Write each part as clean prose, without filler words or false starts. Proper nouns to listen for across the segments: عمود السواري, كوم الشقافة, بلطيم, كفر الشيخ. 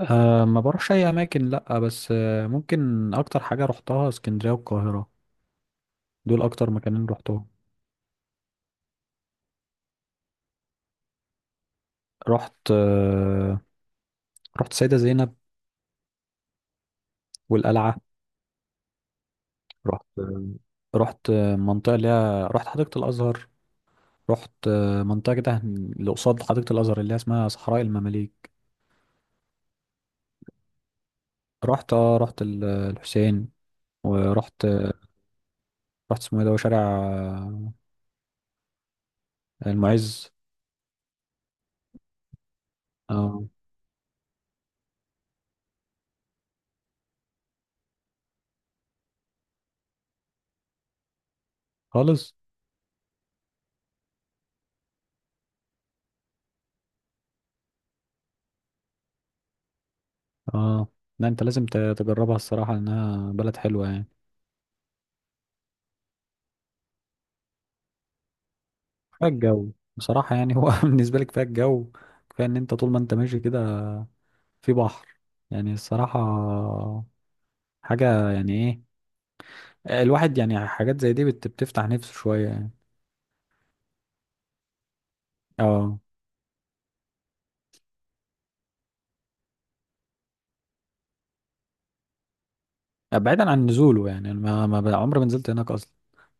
ما بروحش اي اماكن، لا بس، ممكن اكتر حاجه رحتها اسكندريه والقاهره. دول اكتر مكانين رحتهم. رحت أه رحت سيده زينب والقلعه. رحت رحت آه، منطقه، اللي هي رحت حديقه الازهر. رحت آه، منطقه كده اللي قصاد حديقه الازهر اللي هي اسمها صحراء المماليك. رحت الحسين. ورحت، اسمه ايه ده؟ شارع المعز. اه، خالص، اه. لا، انت لازم تجربها الصراحه، لانها بلد حلوه يعني. كفايه الجو بصراحه، يعني هو بالنسبه لي كفايه الجو، كفايه ان انت طول ما انت ماشي كده في بحر يعني، الصراحه حاجه يعني. ايه، الواحد يعني حاجات زي دي بتفتح نفسه شويه يعني. اه. بعيدا عن نزوله، يعني أنا ما عمري ما نزلت هناك اصلا.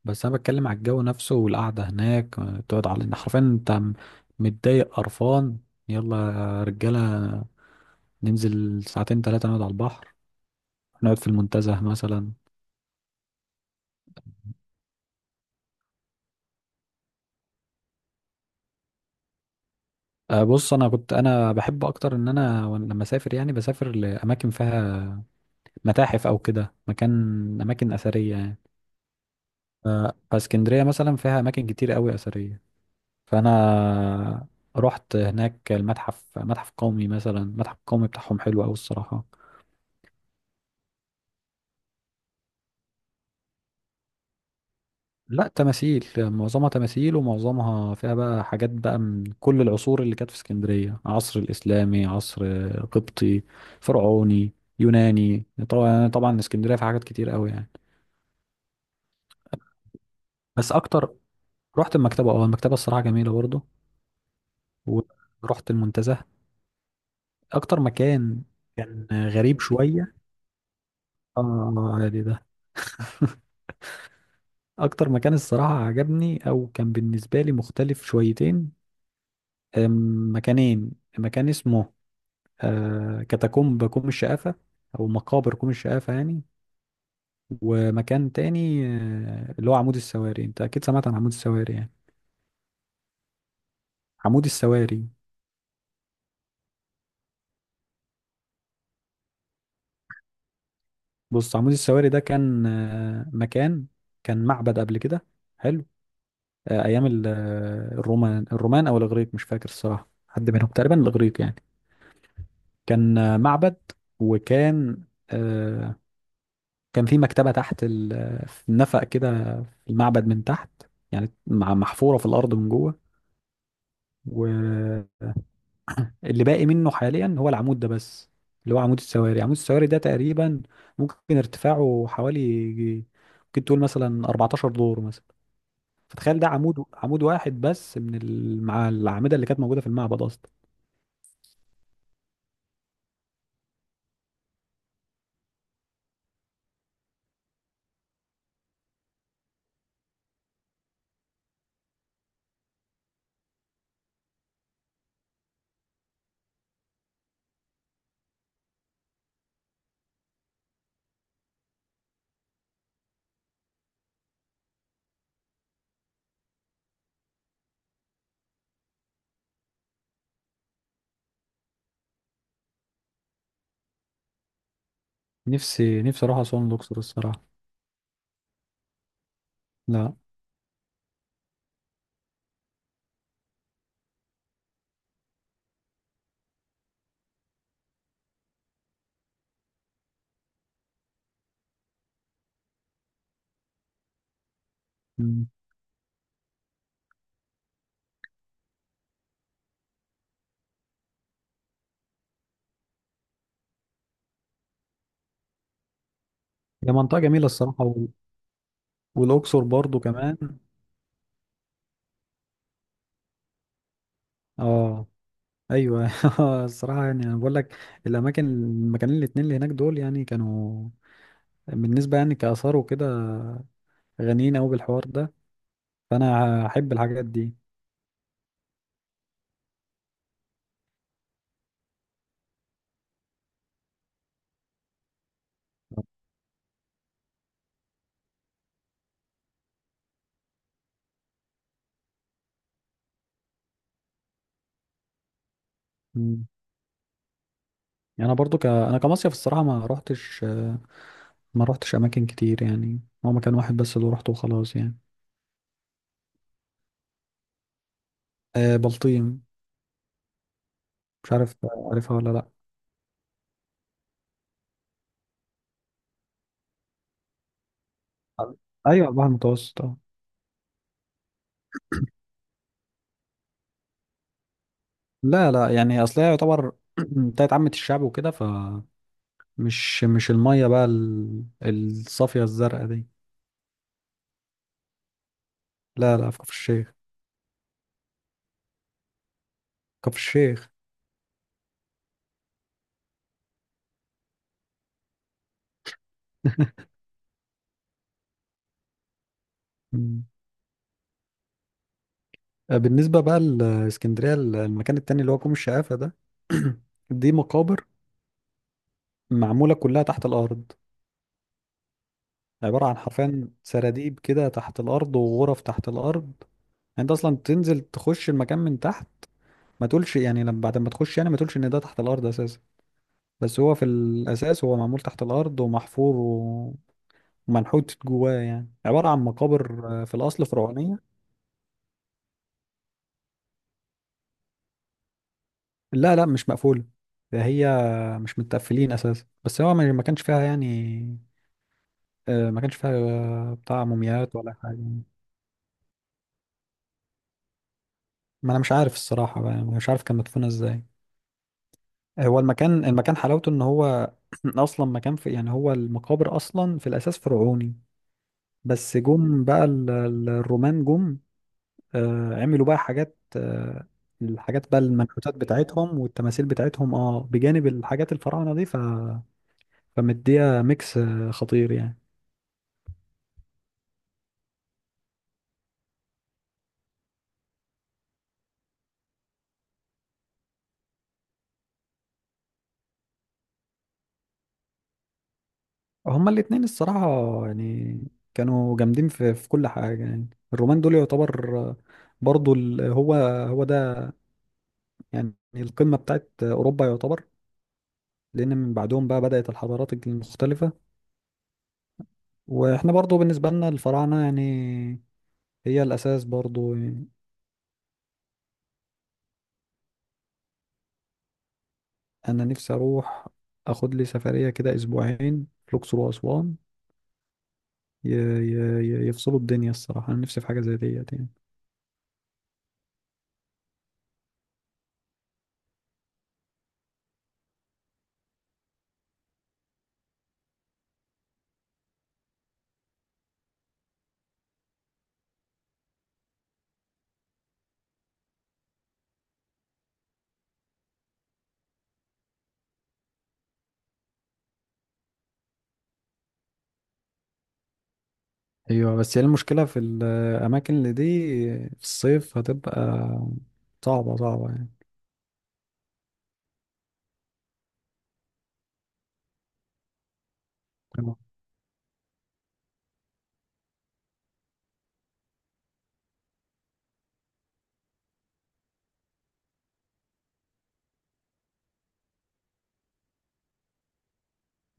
بس انا بتكلم على الجو نفسه والقعده هناك، تقعد على إن حرفيا انت متضايق قرفان، يلا يا رجاله ننزل ساعتين ثلاثه نقعد على البحر، نقعد في المنتزه مثلا. بص، انا كنت بحب اكتر ان انا، وأنا لما اسافر يعني بسافر لاماكن فيها متاحف او كده مكان، اماكن اثريه يعني. ف- فاسكندريه مثلا فيها اماكن كتير قوي اثريه. فانا رحت هناك المتحف، متحف قومي مثلا، المتحف القومي بتاعهم حلو قوي الصراحه. لا، تماثيل، معظمها تماثيل ومعظمها فيها بقى حاجات بقى من كل العصور اللي كانت في اسكندريه: عصر الاسلامي، عصر قبطي، فرعوني، يوناني. طبعا يعني، طبعا اسكندريه فيها حاجات كتير قوي يعني. بس اكتر، رحت المكتبه، اه المكتبه الصراحه جميله برضه. ورحت المنتزه. اكتر مكان كان غريب شويه. اه عادي ده. اكتر مكان الصراحه عجبني او كان بالنسبه لي مختلف شويتين، مكانين. مكان اسمه كاتاكومب كوم الشقافه، او مقابر كوم الشقافه يعني. ومكان تاني، اللي هو عمود السواري. انت اكيد سمعت عن عمود السواري يعني. عمود السواري، بص، عمود السواري ده كان مكان، كان معبد قبل كده، حلو. ايام الرومان، الرومان او الاغريق، مش فاكر الصراحه حد منهم، تقريبا الاغريق يعني. كان معبد، وكان آه، كان في مكتبه تحت ال- آه، في نفق كده في المعبد من تحت، يعني محفوره في الارض من جوه، واللي باقي منه حاليا هو العمود ده بس، اللي هو عمود السواري. عمود السواري ده تقريبا ممكن ارتفاعه حوالي، ممكن تقول مثلا 14 دور مثلا. فتخيل ده عمود، عمود واحد بس من الأعمدة اللي كانت موجودة في المعبد أصلا. نفسي نفسي أروح أسوان الأقصر الصراحة. لا. مم. هي منطقة جميلة الصراحة، والأقصر برضو كمان. اه، أيوة. الصراحة يعني أنا بقول لك، الأماكن، المكانين الاتنين اللي هناك دول يعني كانوا بالنسبة يعني كآثار وكده غنيين أوي بالحوار ده، فأنا هحب الحاجات دي. مم. يعني أنا برضو أنا كمصيف الصراحة ما روحتش، ما روحتش أماكن كتير، يعني هو مكان واحد بس اللي روحته وخلاص يعني. آه، بلطيم. مش عارف، عارفها ولا لا. ايوه، البحر المتوسط، اه. لا لا، يعني اصل هي يعتبر بتاعت عامة الشعب وكده، مش المية بقى، الصافية الزرقاء دي. لا لا، في كفر الشيخ. كفر الشيخ. مم. بالنسبة بقى لاسكندرية، المكان التاني اللي هو كوم الشقافة ده، دي مقابر معمولة كلها تحت الأرض. عبارة عن حرفيا سراديب كده تحت الأرض، وغرف تحت الأرض. يعني أنت أصلا تنزل تخش المكان من تحت، ما تقولش يعني، لما بعد ما تخش يعني ما تقولش ان ده تحت الارض اساسا. بس هو في الاساس هو معمول تحت الارض، ومحفور ومنحوت جواه، يعني عباره عن مقابر، في الاصل فرعونيه. لا لا مش مقفوله. ده هي مش متقفلين اساسا. بس هو ما كانش فيها يعني، ما كانش فيها بتاع مومياوات ولا حاجه. ما انا مش عارف الصراحه بقى، يعني مش عارف كان مدفونه ازاي. هو المكان، المكان حلاوته ان هو اصلا مكان في، يعني هو المقابر اصلا في الاساس فرعوني. بس جم بقى الرومان، جم عملوا بقى حاجات، الحاجات بقى، المنحوتات بتاعتهم والتماثيل بتاعتهم اه، بجانب الحاجات الفراعنة دي. فمديها ميكس خطير يعني. هما الاتنين الصراحة يعني كانوا جامدين في كل حاجة يعني. الرومان دول يعتبر برضو، هو ده يعني القمة بتاعت أوروبا يعتبر، لأن من بعدهم بقى بدأت الحضارات المختلفة. وإحنا برضو بالنسبة لنا الفراعنة يعني هي الأساس برضو يعني. انا نفسي اروح اخد لي سفريه كده اسبوعين، الاقصر واسوان يفصلوا الدنيا الصراحه. انا نفسي في حاجه زي ديت يعني. ايوه، بس هي المشكله في الاماكن اللي دي في الصيف هتبقى صعبه، صعبه يعني. أيوة.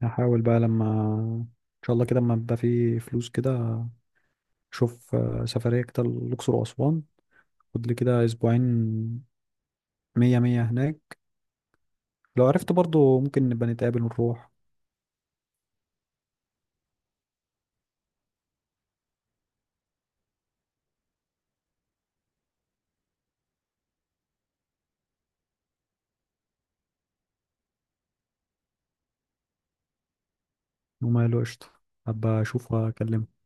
هحاول بقى لما ان شاء الله كده لما يبقى في فلوس كده، اشوف سفريه كده الاقصر واسوان. خد لي كده اسبوعين، مية مية هناك. لو عرفت برضو ممكن نبقى نتقابل ونروح. وما له، قشطه. هبقى اشوف واكلمك.